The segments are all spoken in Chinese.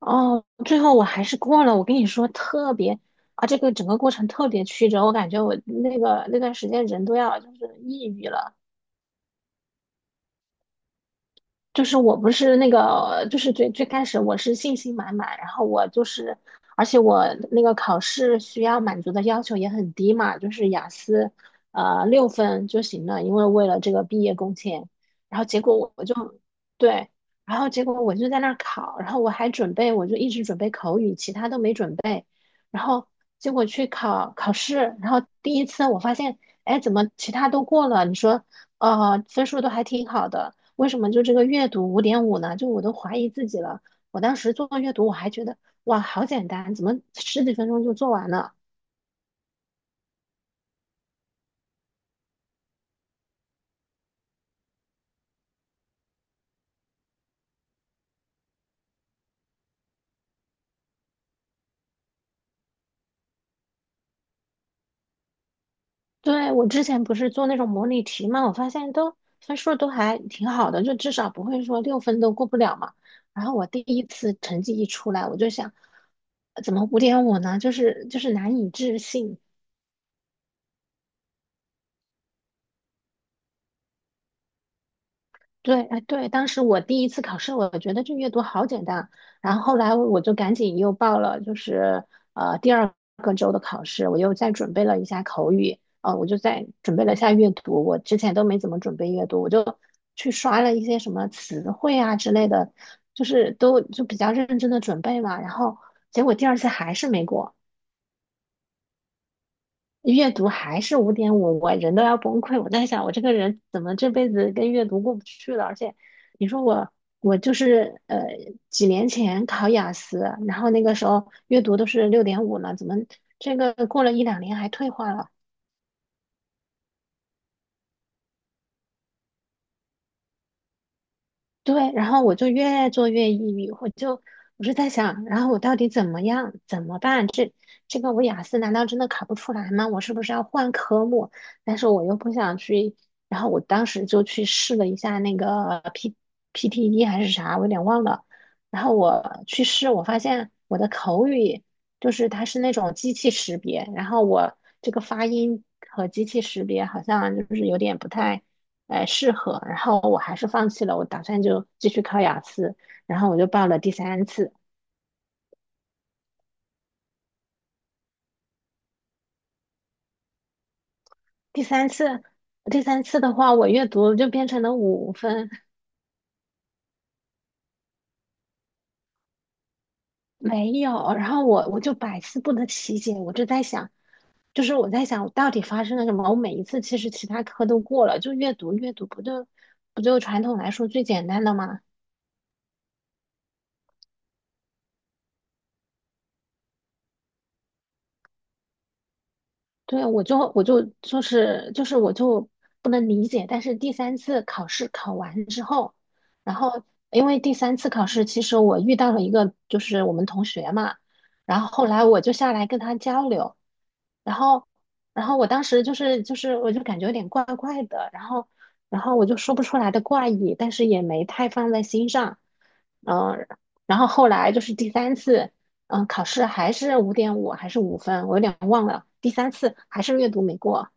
哦，最后我还是过了。我跟你说，特别这个整个过程特别曲折，我感觉我那段时间人都要就是抑郁了。就是我不是那个，就是最最开始我是信心满满，然后我就是，而且我那个考试需要满足的要求也很低嘛，就是雅思，六分就行了，为了这个毕业工签。然后结果我就对，然后结果我就在那儿考，然后我还准备，我就一直准备口语，其他都没准备。然后结果去考试，然后第一次我发现，哎，怎么其他都过了？你说，分数都还挺好的，为什么就这个阅读五点五呢？就我都怀疑自己了。我当时做阅读，我还觉得哇，好简单，怎么十几分钟就做完了？对，我之前不是做那种模拟题嘛，我发现都分数都还挺好的，就至少不会说六分都过不了嘛。然后我第一次成绩一出来，我就想，怎么五点五呢？就是难以置信。对，哎，对，当时我第一次考试，我觉得这阅读好简单，然后后来我就赶紧又报了，就是第二个周的考试，我又再准备了一下口语，我就再准备了一下阅读，我之前都没怎么准备阅读，我就去刷了一些什么词汇啊之类的，就是都就比较认真的准备嘛，然后结果第二次还是没过。阅读还是五点五，我人都要崩溃。我在想，我这个人怎么这辈子跟阅读过不去了？而且，你说我，我就是几年前考雅思，然后那个时候阅读都是六点五了，怎么这个过了一两年还退化了？对，然后我就越做越抑郁，我就在想，然后我到底怎么样，怎么办？这个我雅思难道真的考不出来吗？我是不是要换科目？但是我又不想去，然后我当时就去试了一下那个 PTE 还是啥，我有点忘了。然后我去试，我发现我的口语就是它是那种机器识别，然后我这个发音和机器识别好像就是有点不太。适合，然后我还是放弃了，我打算就继续考雅思，然后我就报了第三次，第三次，第三次的话，我阅读就变成了五分，没有，然后我就百思不得其解，我就在想，就是我在想到底发生了什么，我每一次其实其他科都过了，就阅读不就传统来说最简单的吗？对，我就是不能理解，但是第三次考试考完之后，然后因为第三次考试，其实我遇到了一个就是我们同学嘛，然后后来我就下来跟他交流，然后然后我当时就是我就感觉有点怪怪的，然后我就说不出来的怪异，但是也没太放在心上，嗯、然后后来就是第三次。嗯，考试还是五点五还是五分，我有点忘了。第三次还是阅读没过。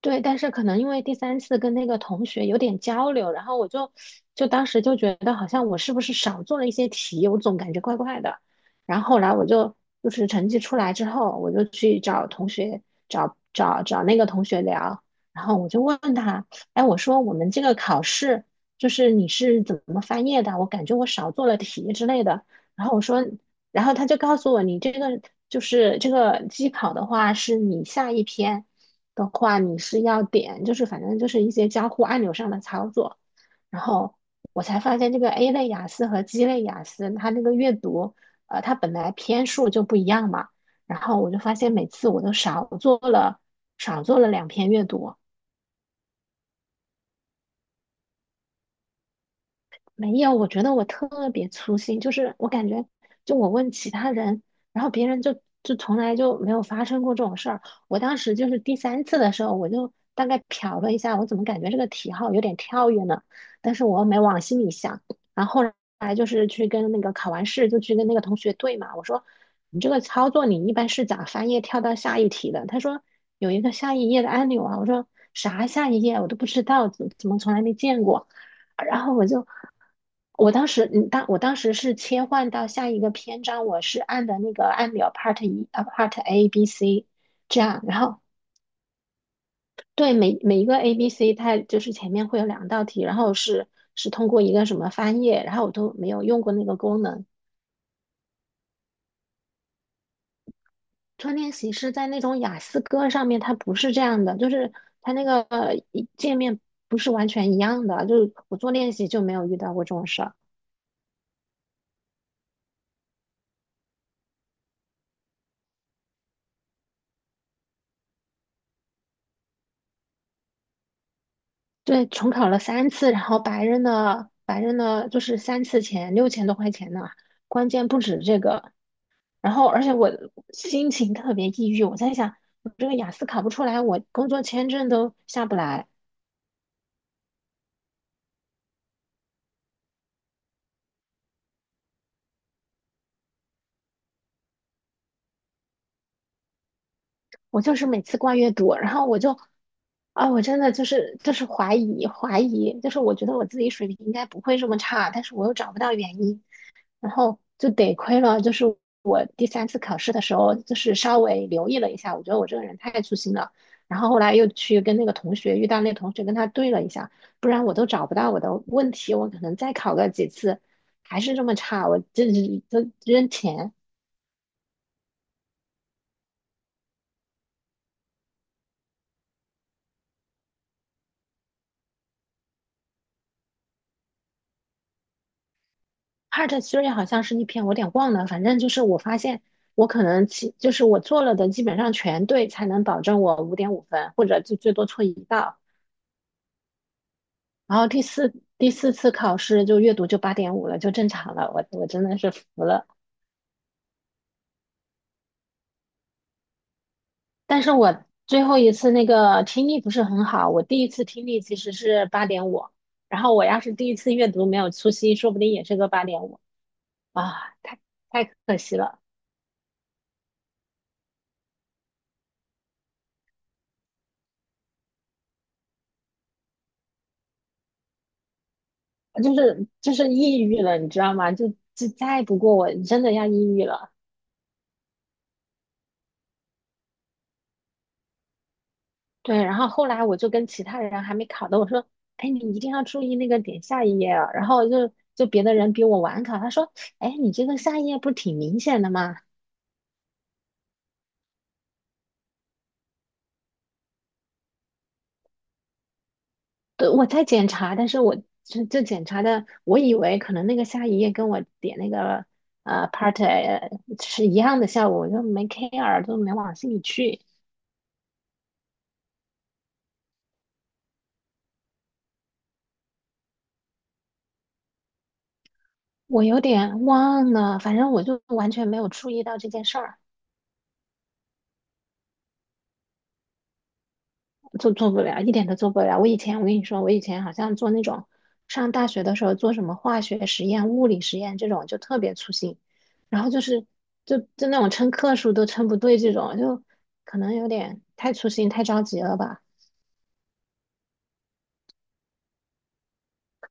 对，但是可能因为第三次跟那个同学有点交流，然后我就就当时就觉得好像我是不是少做了一些题，我总感觉怪怪的。然后后来我就就是成绩出来之后，我就去找同学，找那个同学聊，然后我就问他，哎，我说我们这个考试就是你是怎么翻页的？我感觉我少做了题之类的。然后我说，然后他就告诉我，你这个就是这个机考的话，是你下一篇。的话，你是要点，就是反正就是一些交互按钮上的操作。然后我才发现，这个 A 类雅思和 G 类雅思，它那个阅读，它本来篇数就不一样嘛。然后我就发现，每次我都少做了两篇阅读。没有，我觉得我特别粗心，就是我感觉，就我问其他人，然后别人从来就没有发生过这种事儿。我当时就是第三次的时候，我就大概瞟了一下，我怎么感觉这个题号有点跳跃呢？但是我又没往心里想。然后就是去跟那个考完试就去跟那个同学对嘛，我说你这个操作你一般是咋翻页跳到下一题的？他说有一个下一页的按钮啊，我说啥下一页我都不知道，怎么从来没见过。然后我就，我当时，嗯，当时是切换到下一个篇章，我是按的那个按表 part 一啊 part A B C 这样，然后对每一个 A B C 它就是前面会有两道题，然后是通过一个什么翻页，然后我都没有用过那个功能。做练习是在那种雅思哥上面，它不是这样的，就是它那个一界面不是完全一样的，就是我做练习就没有遇到过这种事儿。对，重考了三次，然后白人的白人的就是三次钱六千多块钱呢，关键不止这个。然后，而且我心情特别抑郁，我在想，我这个雅思考不出来，我工作签证都下不来，我就是每次挂月读，然后我就，啊，我真的就是怀疑，就是我觉得我自己水平应该不会这么差，但是我又找不到原因。然后就得亏了，就是我第三次考试的时候，就是稍微留意了一下，我觉得我这个人太粗心了。然后后来又去跟那个同学，跟他对了一下，不然我都找不到我的问题，我可能再考个几次还是这么差，我这都扔钱。Part Three 好像是一篇，我有点忘了，反正就是我发现我可能就是我做了的基本上全对，才能保证我五点五分，或者就最多错一道。然后第四次考试就阅读就八点五了，就正常了。我真的是服了。但是我最后一次那个听力不是很好，我第一次听力其实是八点五，然后我要是第一次阅读没有粗心，说不定也是个八点五啊，太可惜了，就是抑郁了，你知道吗？再不过我真的要抑郁了。对，然后后来我就跟其他人还没考的，我说，哎，你一定要注意那个点下一页啊。然后就就别的人比我晚考，他说，哎，你这个下一页不是挺明显的吗？对，我在检查，但是我检查的，我以为可能那个下一页跟我点那个part A 是一样的效果，我就没 care，就没往心里去。我有点忘了，反正我就完全没有注意到这件事儿。就做不了，一点都做不了。我以前我跟你说，我以前好像做那种上大学的时候做什么化学实验、物理实验这种，就特别粗心，然后就是那种称克数都称不对，这种就可能有点太粗心、太着急了吧。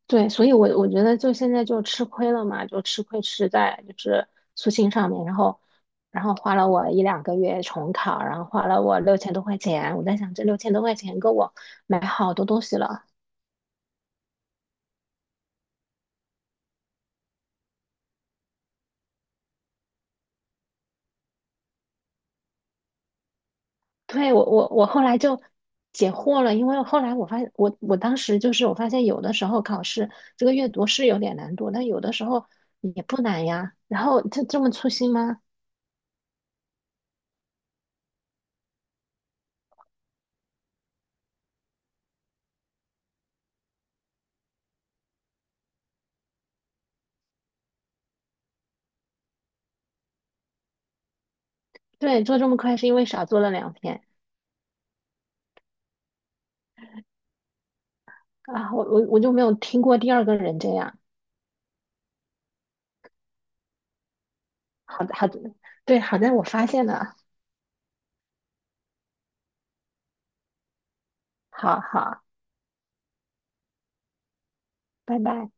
对，所以我觉得就现在就吃亏了嘛，就吃亏吃在就是粗心上面，然后花了我一两个月重考，然后花了我六千多块钱，我在想这六千多块钱够我买好多东西了。对，我后来就解惑了，因为后来我发现，我当时我发现有的时候考试这个阅读是有点难度，但有的时候也不难呀。然后就这么粗心吗？对，做这么快是因为少做了两篇啊，我就没有听过第二个人这样。好的，好的，对，好在我发现了，好好，拜拜。